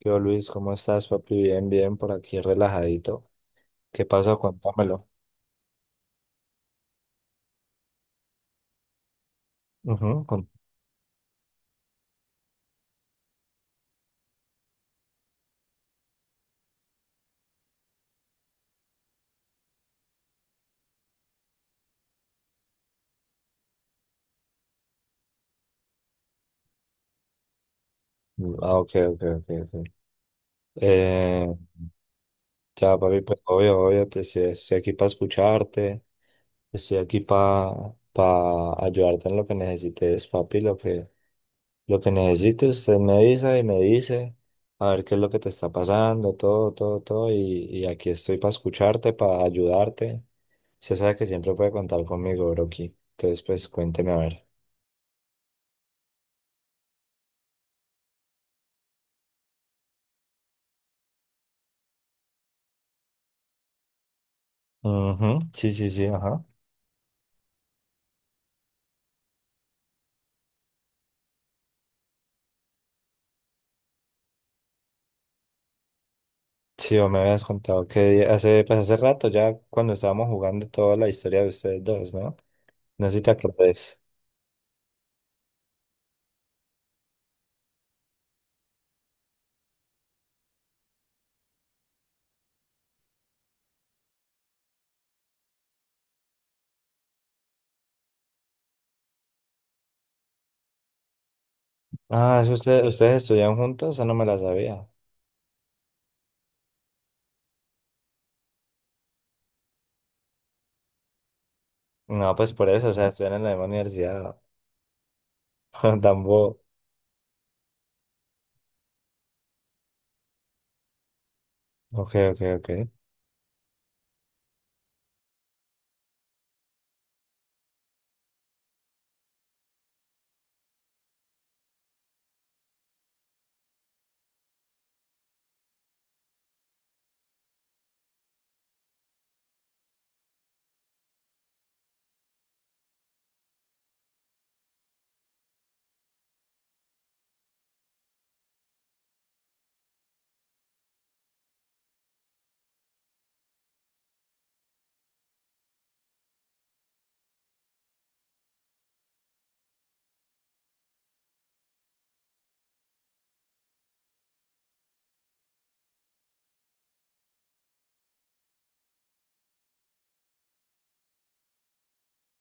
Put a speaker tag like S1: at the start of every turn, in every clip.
S1: Yo, Luis, ¿cómo estás, papi? Bien, bien, por aquí relajadito. ¿Qué pasó? Cuéntamelo. Ujú, ah, ok, ok, ok, ok. Eh, ya, papi, pues obvio, obvio, estoy aquí para escucharte, estoy aquí para ayudarte en lo que necesites, papi, lo que necesites, usted me avisa y me dice, a ver qué es lo que te está pasando, todo, todo, todo, y aquí estoy para escucharte, para ayudarte. Usted sabe que siempre puede contar conmigo, Broki. Entonces, pues cuénteme a ver. Ujú, sí, sí, sí, ajá. Sí, vos me habías contado que pues hace rato ya cuando estábamos jugando toda la historia de ustedes dos, ¿no? No sé si te acordás. Ah, ¿es ustedes estudian juntos? Eso no me la sabía. No, pues por eso, o sea, estudian en la misma universidad. Tampoco. Ok, ok, ok.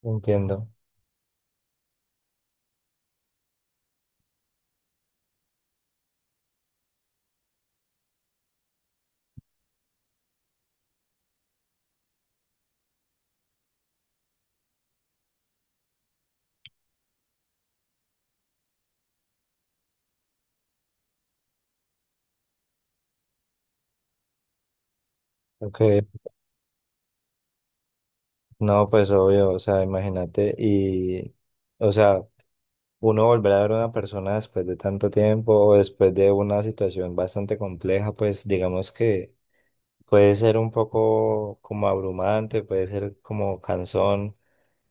S1: Entiendo. Ok. No, pues obvio, o sea, o sea, uno volver a ver a una persona después de tanto tiempo o después de una situación bastante compleja, pues digamos que puede ser un poco como abrumante, puede ser como cansón,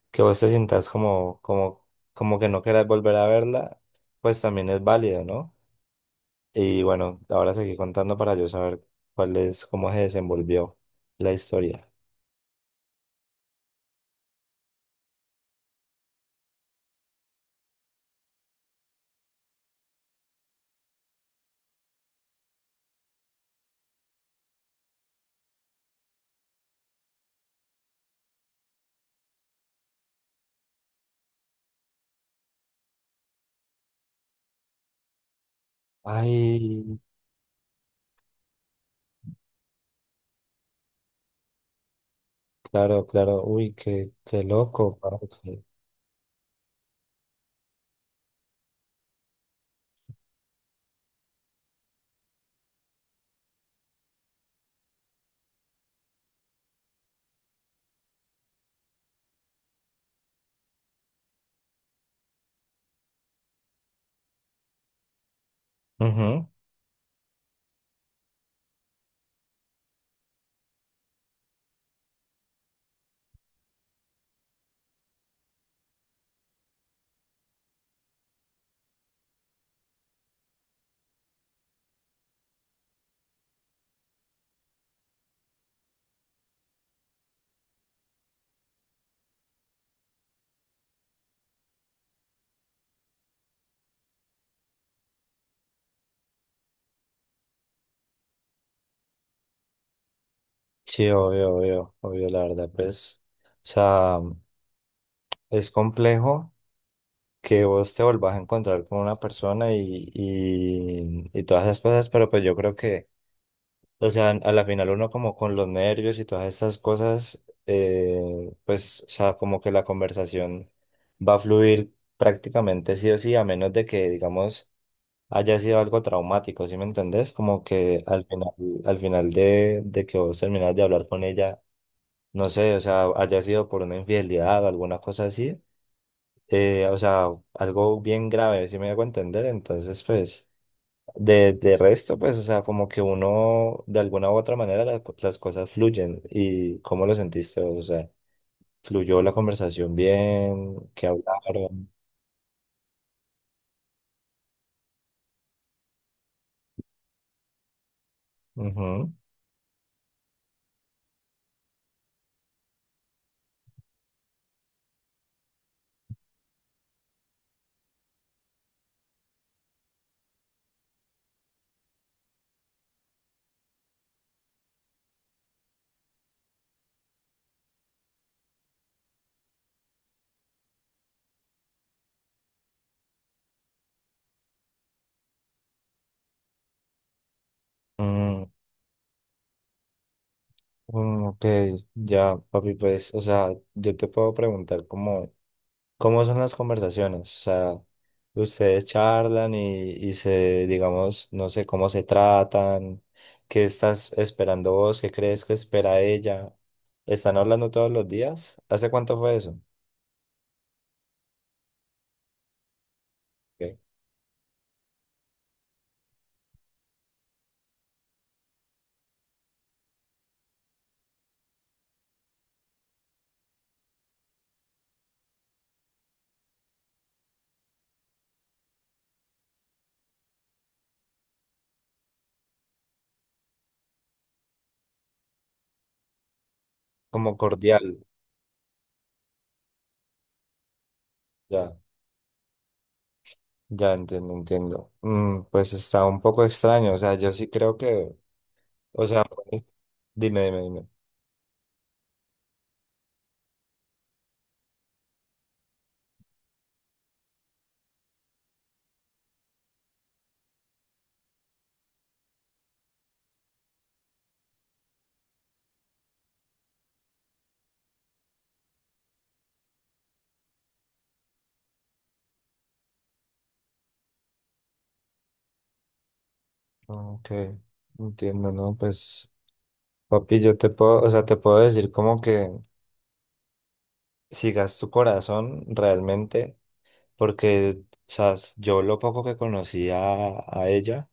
S1: que vos te sientas como que no querás volver a verla, pues también es válido, ¿no? Y bueno, ahora seguí contando para yo saber cuál es, cómo se desenvolvió la historia. Ay, claro, claro, uy, qué, qué loco, parce. Ujú. Sí, obvio, obvio, obvio, la verdad, pues, o sea, es complejo que vos te volvás a encontrar con una persona y todas esas cosas, pero pues yo creo que, o sea, a la final uno como con los nervios y todas esas cosas, pues, o sea, como que la conversación va a fluir prácticamente sí o sí, a menos de que, digamos, haya sido algo traumático, ¿sí me entendés? Como que al final de que vos terminás de hablar con ella, no sé, o sea, haya sido por una infidelidad o alguna cosa así, o sea, algo bien grave, si me hago entender, entonces pues de resto, pues, o sea, como que uno de alguna u otra manera las cosas fluyen. ¿Y cómo lo sentiste? O sea, ¿fluyó la conversación bien? ¿Qué hablaron? Ujú. Mm, ok, ya, papi, pues, o sea, yo te puedo preguntar como ¿cómo son las conversaciones? O sea, ustedes charlan y se, digamos, no sé cómo se tratan, qué estás esperando vos, qué crees que espera ella. ¿Están hablando todos los días? ¿Hace cuánto fue eso? Ok. Como cordial, ya, ya entiendo, entiendo. Pues está un poco extraño, o sea, yo sí creo que, o sea, pues, dime, dime, dime. Ok, entiendo, ¿no? Pues, papi, yo te puedo, o sea, te puedo decir como que... Sigas tu corazón realmente, porque, o sabes, yo lo poco que conocí a ella,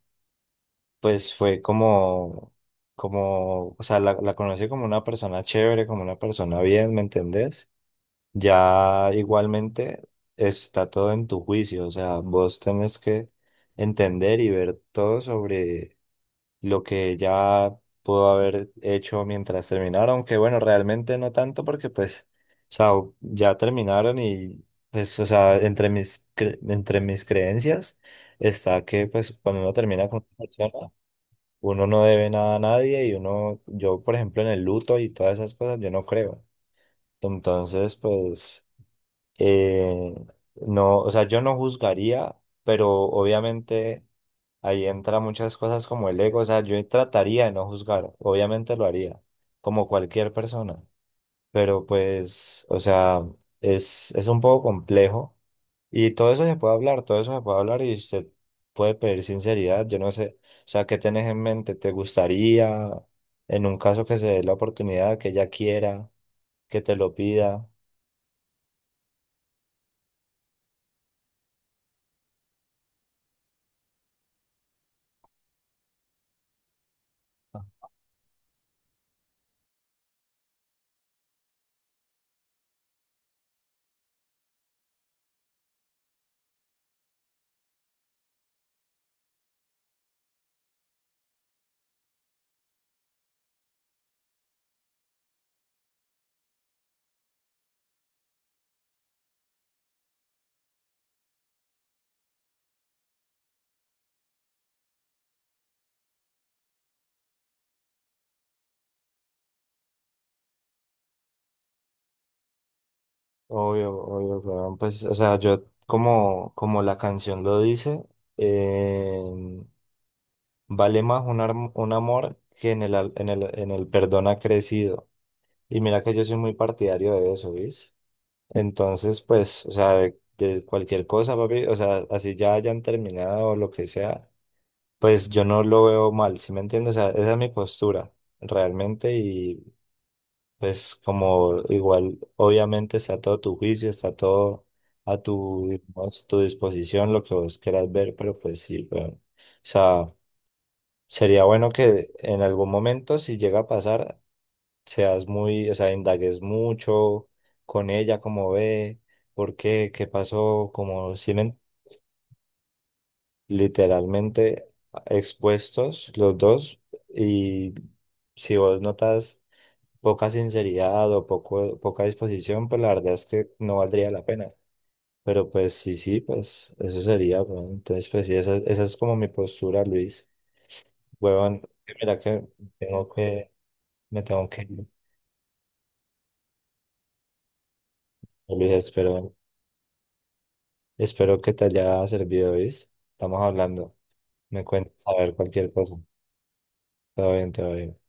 S1: pues fue como, como, o sea, la conocí como una persona chévere, como una persona bien, ¿me entendés? Ya igualmente está todo en tu juicio, o sea, vos tenés que entender y ver todo sobre lo que ya pudo haber hecho mientras terminaron, que bueno, realmente no tanto porque pues, o sea, ya terminaron y pues, o sea, entre mis creencias está que pues cuando uno termina con una persona, uno no debe nada a nadie y uno, yo por ejemplo en el luto y todas esas cosas, yo no creo. Entonces, pues, eh, no, o sea, yo no juzgaría, pero obviamente... Ahí entra muchas cosas como el ego, o sea, yo trataría de no juzgar, obviamente lo haría, como cualquier persona, pero pues, o sea, es un poco complejo y todo eso se puede hablar, todo eso se puede hablar y usted puede pedir sinceridad, yo no sé, o sea, ¿qué tenés en mente? ¿Te gustaría, en un caso que se dé la oportunidad, que ella quiera, que te lo pida? Obvio, obvio, weón. Pues, o sea, yo como, como la canción lo dice, vale más un amor que en en el perdón ha crecido. Y mira que yo soy muy partidario de eso, ¿ves? Entonces, pues, o sea, de cualquier cosa, papi, o sea, así ya hayan terminado o lo que sea, pues yo no lo veo mal, ¿sí me entiendes? O sea, esa es mi postura, realmente, y pues como igual, obviamente está todo tu juicio, está todo a tu, digamos, tu disposición, lo que vos quieras ver, pero pues sí, pero, o sea... Sería bueno que en algún momento, si llega a pasar, seas muy, o sea, indagues mucho con ella, cómo ve, por qué, qué pasó, como si men- literalmente expuestos los dos y si vos notas poca sinceridad o poca disposición, pues la verdad es que no valdría la pena. Pero pues sí, sí, pues eso sería, bueno. Entonces, pues sí, esa es como mi postura, Luis. Huevón, mira que tengo que... Me tengo que ir. Luis, espero, espero que te haya servido, ¿viste? Estamos hablando. Me cuentas a ver cualquier cosa. Todo bien, todo bien.